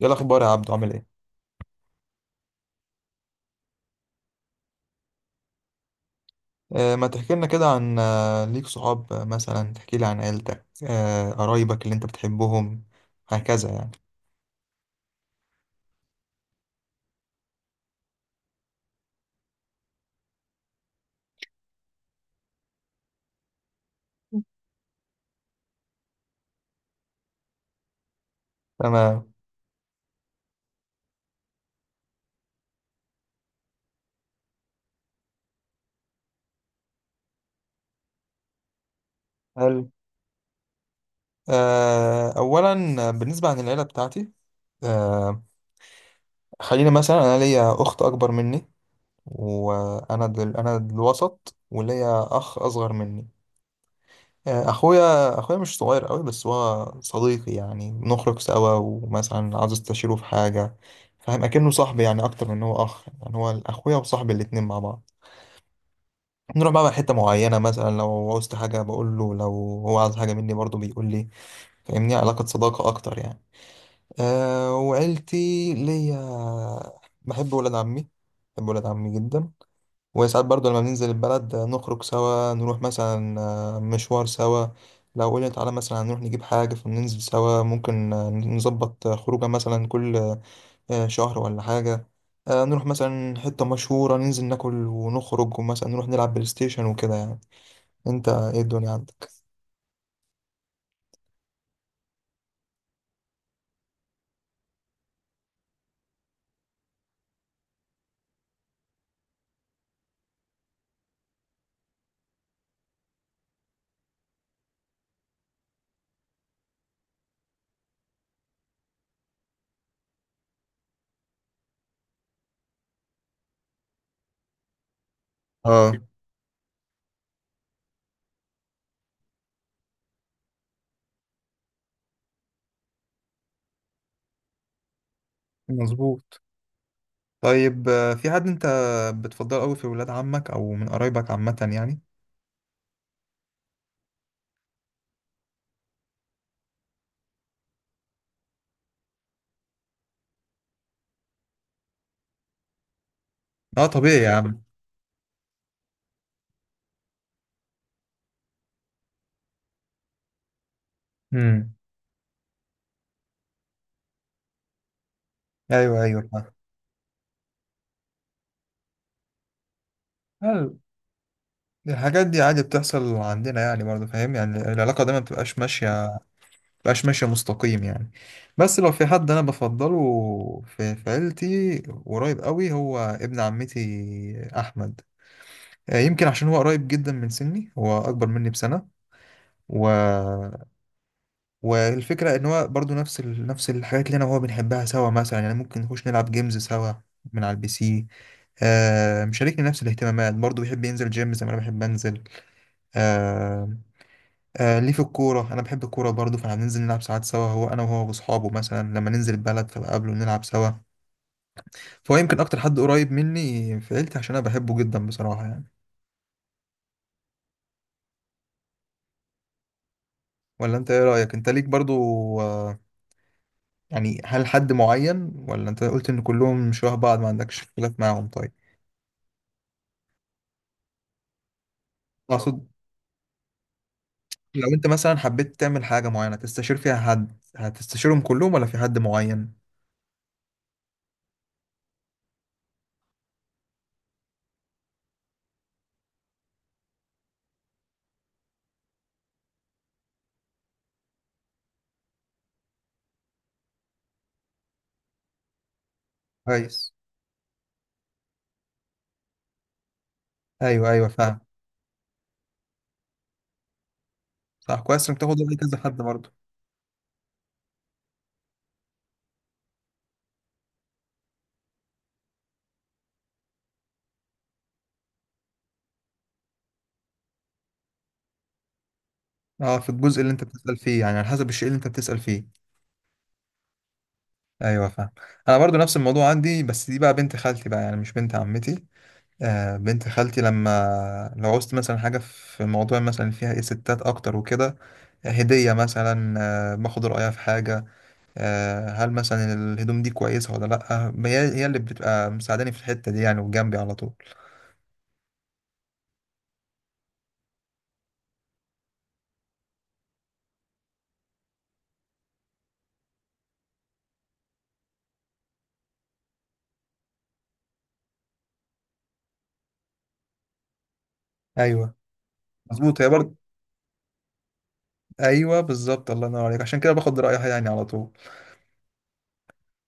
ايه الاخبار يا عبدو؟ عامل ايه؟ ما تحكي لنا كده عن ليك صحاب، مثلا تحكي لي عن عيلتك، قرايبك اللي انت بتحبهم هكذا يعني. تمام. حلو. اولا، بالنسبه عن العيله بتاعتي، آه خلينا مثلا. انا ليا اخت اكبر مني، وانا دل انا الوسط، وليا اخ اصغر مني. اخويا مش صغير قوي بس هو صديقي، يعني بنخرج سوا ومثلا عاوز استشيره في حاجه. فاهم؟ اكنه صاحبي، يعني اكتر من إن هو اخ، يعني هو اخويا وصاحبي الاتنين مع بعض. نروح بقى حته معينه، مثلا لو عاوزت حاجه بقول له، لو هو عايز حاجه مني برضه بيقول لي. فاهمني؟ علاقه صداقه اكتر يعني. أه، وعيلتي، ليا، بحب ولاد عمي. بحب ولاد عمي جدا. وساعات برضو لما بننزل البلد، نخرج سوا، نروح مثلا مشوار سوا. لو قلنا تعالى مثلا هنروح نجيب حاجة فننزل سوا، ممكن نظبط خروجة مثلا كل شهر ولا حاجة. نروح مثلا حتة مشهورة، ننزل ناكل ونخرج، ومثلا نروح نلعب بلاي ستيشن وكده يعني. انت ايه الدنيا عندك؟ اه. مظبوط. طيب في حد انت بتفضله قوي في ولاد عمك او من قرايبك عامة يعني؟ اه طبيعي يا عم. امم ايوه، ايوه. فاهم. الحاجات دي عادي بتحصل عندنا يعني، برضه فاهم، يعني العلاقة دايما بتبقاش ماشية، بتبقاش ماشية مستقيم يعني. بس لو في حد أنا بفضله في عيلتي قريب قوي، هو ابن عمتي أحمد. يمكن عشان هو قريب جدا من سني، هو أكبر مني بسنة. و... والفكرة إن هو برضه نفس الحاجات اللي أنا وهو بنحبها سوا، مثلا يعني ممكن نخش نلعب جيمز سوا من على البي سي. مشاركني نفس الاهتمامات، برضه بيحب ينزل جيم زي ما أنا بحب أنزل. آه، ليه في الكورة، أنا بحب الكورة برضه، فإحنا بننزل نلعب ساعات سوا، هو أنا وهو وأصحابه، مثلا لما ننزل البلد فبقابله نلعب سوا. فهو يمكن أكتر حد قريب مني في عيلتي، عشان أنا بحبه جدا بصراحة يعني. ولا أنت إيه رأيك؟ أنت ليك برضه آه يعني هل حد معين، ولا أنت قلت إن كلهم شبه بعض ما عندكش اختلاف معاهم؟ طيب. أقصد لو أنت مثلا حبيت تعمل حاجة معينة تستشير فيها حد، هتستشيرهم كلهم ولا في حد معين؟ كويس. أيوه، أيوه فاهم. صح، كويس إنك تاخد رأي كذا حد برضه. اه، في الجزء اللي انت بتسأل فيه، يعني على حسب الشيء اللي انت بتسأل فيه. ايوه فاهم. انا برضو نفس الموضوع عندي، بس دي بقى بنت خالتي بقى، يعني مش بنت عمتي. آه بنت خالتي، لما لو عوزت مثلا حاجة في موضوع مثلا فيها ايه ستات اكتر وكده، هدية مثلا، باخد رأيها في حاجة. هل مثلا الهدوم دي كويسة ولا لأ، هي اللي بتبقى مساعداني في الحتة دي يعني، وجنبي على طول. ايوه، مظبوط. هي برضو. ايوه، بالظبط. الله ينور عليك، عشان كده باخد رأيها يعني على طول.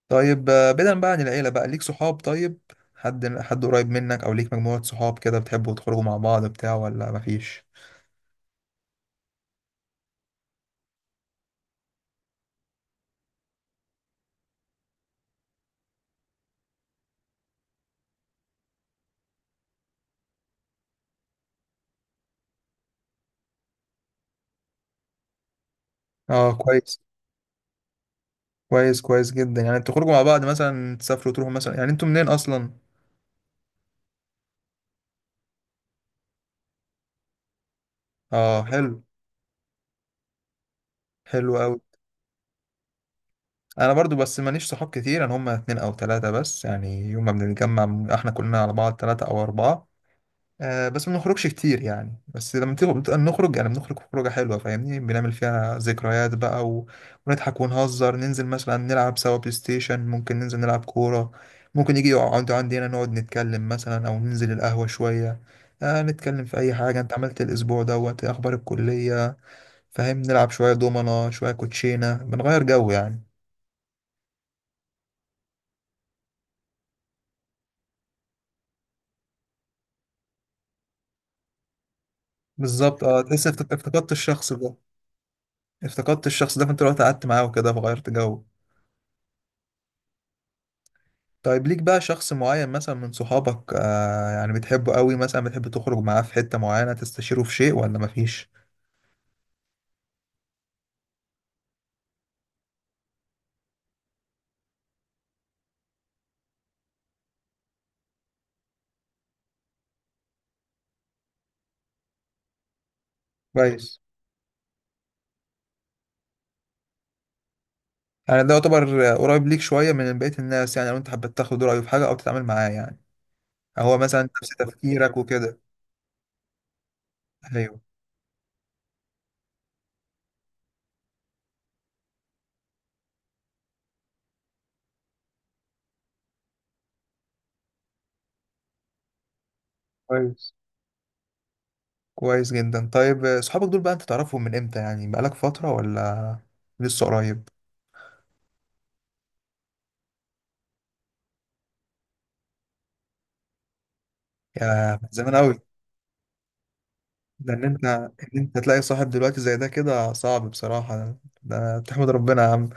طيب بعيدا بقى عن العيلة، بقى ليك صحاب طيب؟ حد حد قريب منك، او ليك مجموعة صحاب كده بتحبوا تخرجوا مع بعض بتاع، ولا مفيش؟ اه، كويس. كويس، كويس جدا. يعني انتوا تخرجوا مع بعض مثلا، تسافروا تروحوا مثلا، يعني انتوا منين اصلا؟ اه حلو. حلو قوي. انا برضو بس ماليش صحاب كتير، انا هم اتنين او تلاتة بس يعني، يوم ما بنتجمع بنبقى احنا كلنا على بعض تلاتة او اربعة. بس ما بنخرجش كتير يعني، بس لما تيجي بتبقى نخرج يعني، بنخرج خروجة حلوة فاهمني، بنعمل فيها ذكريات بقى ونضحك ونهزر، ننزل مثلا نلعب سوا بلاي ستيشن، ممكن ننزل نلعب كورة. ممكن يجي يقعد عندي هنا، نقعد نتكلم مثلا، أو ننزل القهوة شوية. نتكلم في أي حاجة، أنت عملت الأسبوع دوت إيه، أخبار الكلية. فاهم؟ نلعب شوية دومنة، شوية كوتشينة، بنغير جو يعني. بالظبط. اه، تحس افتقدت الشخص ده. افتقدت الشخص ده، فأنت رحت قعدت معاه وكده فغيرت جو. طيب، ليك بقى شخص معين مثلا من صحابك، يعني بتحبه قوي، مثلا بتحب تخرج معاه في حتة معينة، تستشيره في شيء، ولا مفيش؟ كويس. يعني ده يعتبر قريب ليك شوية من بقية الناس يعني، لو انت حبيت تاخد رأيه في حاجة او تتعامل معاه يعني، هو مثلا نفس تفكيرك وكده. ايوه. كويس. كويس جدا. طيب صحابك دول بقى انت تعرفهم من امتى يعني، بقالك فترة ولا لسه قريب؟ يا من زمان قوي. ده ان انت تلاقي صاحب دلوقتي زي ده كده صعب بصراحة، ده تحمد ربنا يا عم.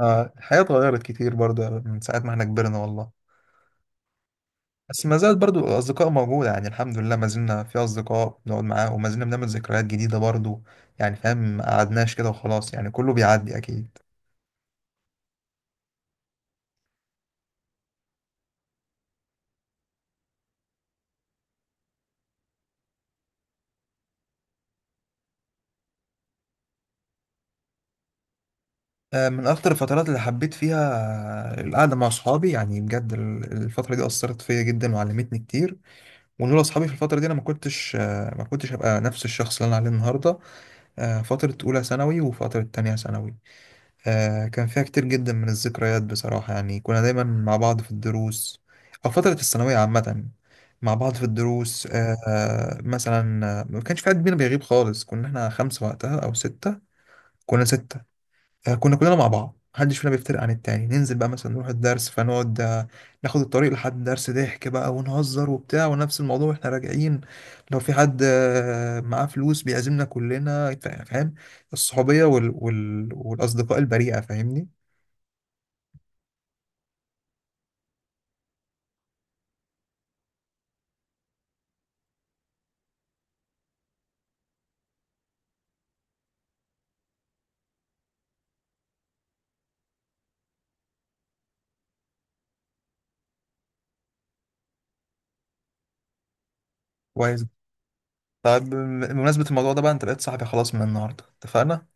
آه، الحياة اتغيرت كتير برضو، يعني من ساعة ما احنا كبرنا والله. بس ما زالت برضو الأصدقاء موجودة يعني، الحمد لله ما زلنا في أصدقاء بنقعد معاهم، وما زلنا بنعمل ذكريات جديدة برضو يعني، فاهم ما قعدناش كده وخلاص يعني، كله بيعدي أكيد. من أكتر الفترات اللي حبيت فيها القعدة مع أصحابي يعني بجد، الفترة دي أثرت فيا جدا وعلمتني كتير. ولولا أصحابي في الفترة دي أنا ما كنتش هبقى نفس الشخص اللي أنا عليه النهاردة. فترة أولى ثانوي وفترة تانية ثانوي، كان فيها كتير جدا من الذكريات بصراحة يعني، كنا دايما مع بعض في الدروس، أو فترة الثانوية عامة. مع بعض في الدروس، مثلا، ما كانش في حد بينا بيغيب خالص، كنا احنا خمسة وقتها أو ستة. كنا ستة. كنا كلنا مع بعض، محدش فينا بيفترق عن التاني، ننزل بقى مثلا نروح الدرس فنقعد، ناخد الطريق لحد الدرس، ضحك بقى ونهزر وبتاع، ونفس الموضوع واحنا راجعين. لو في حد معاه فلوس بيعزمنا كلنا. فاهم؟ الصحوبية والأصدقاء البريئة فاهمني. كويس. طيب بمناسبة الموضوع ده بقى انت بقيت صاحبي خلاص من النهاردة، اتفقنا؟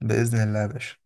بإذن الله يا باشا.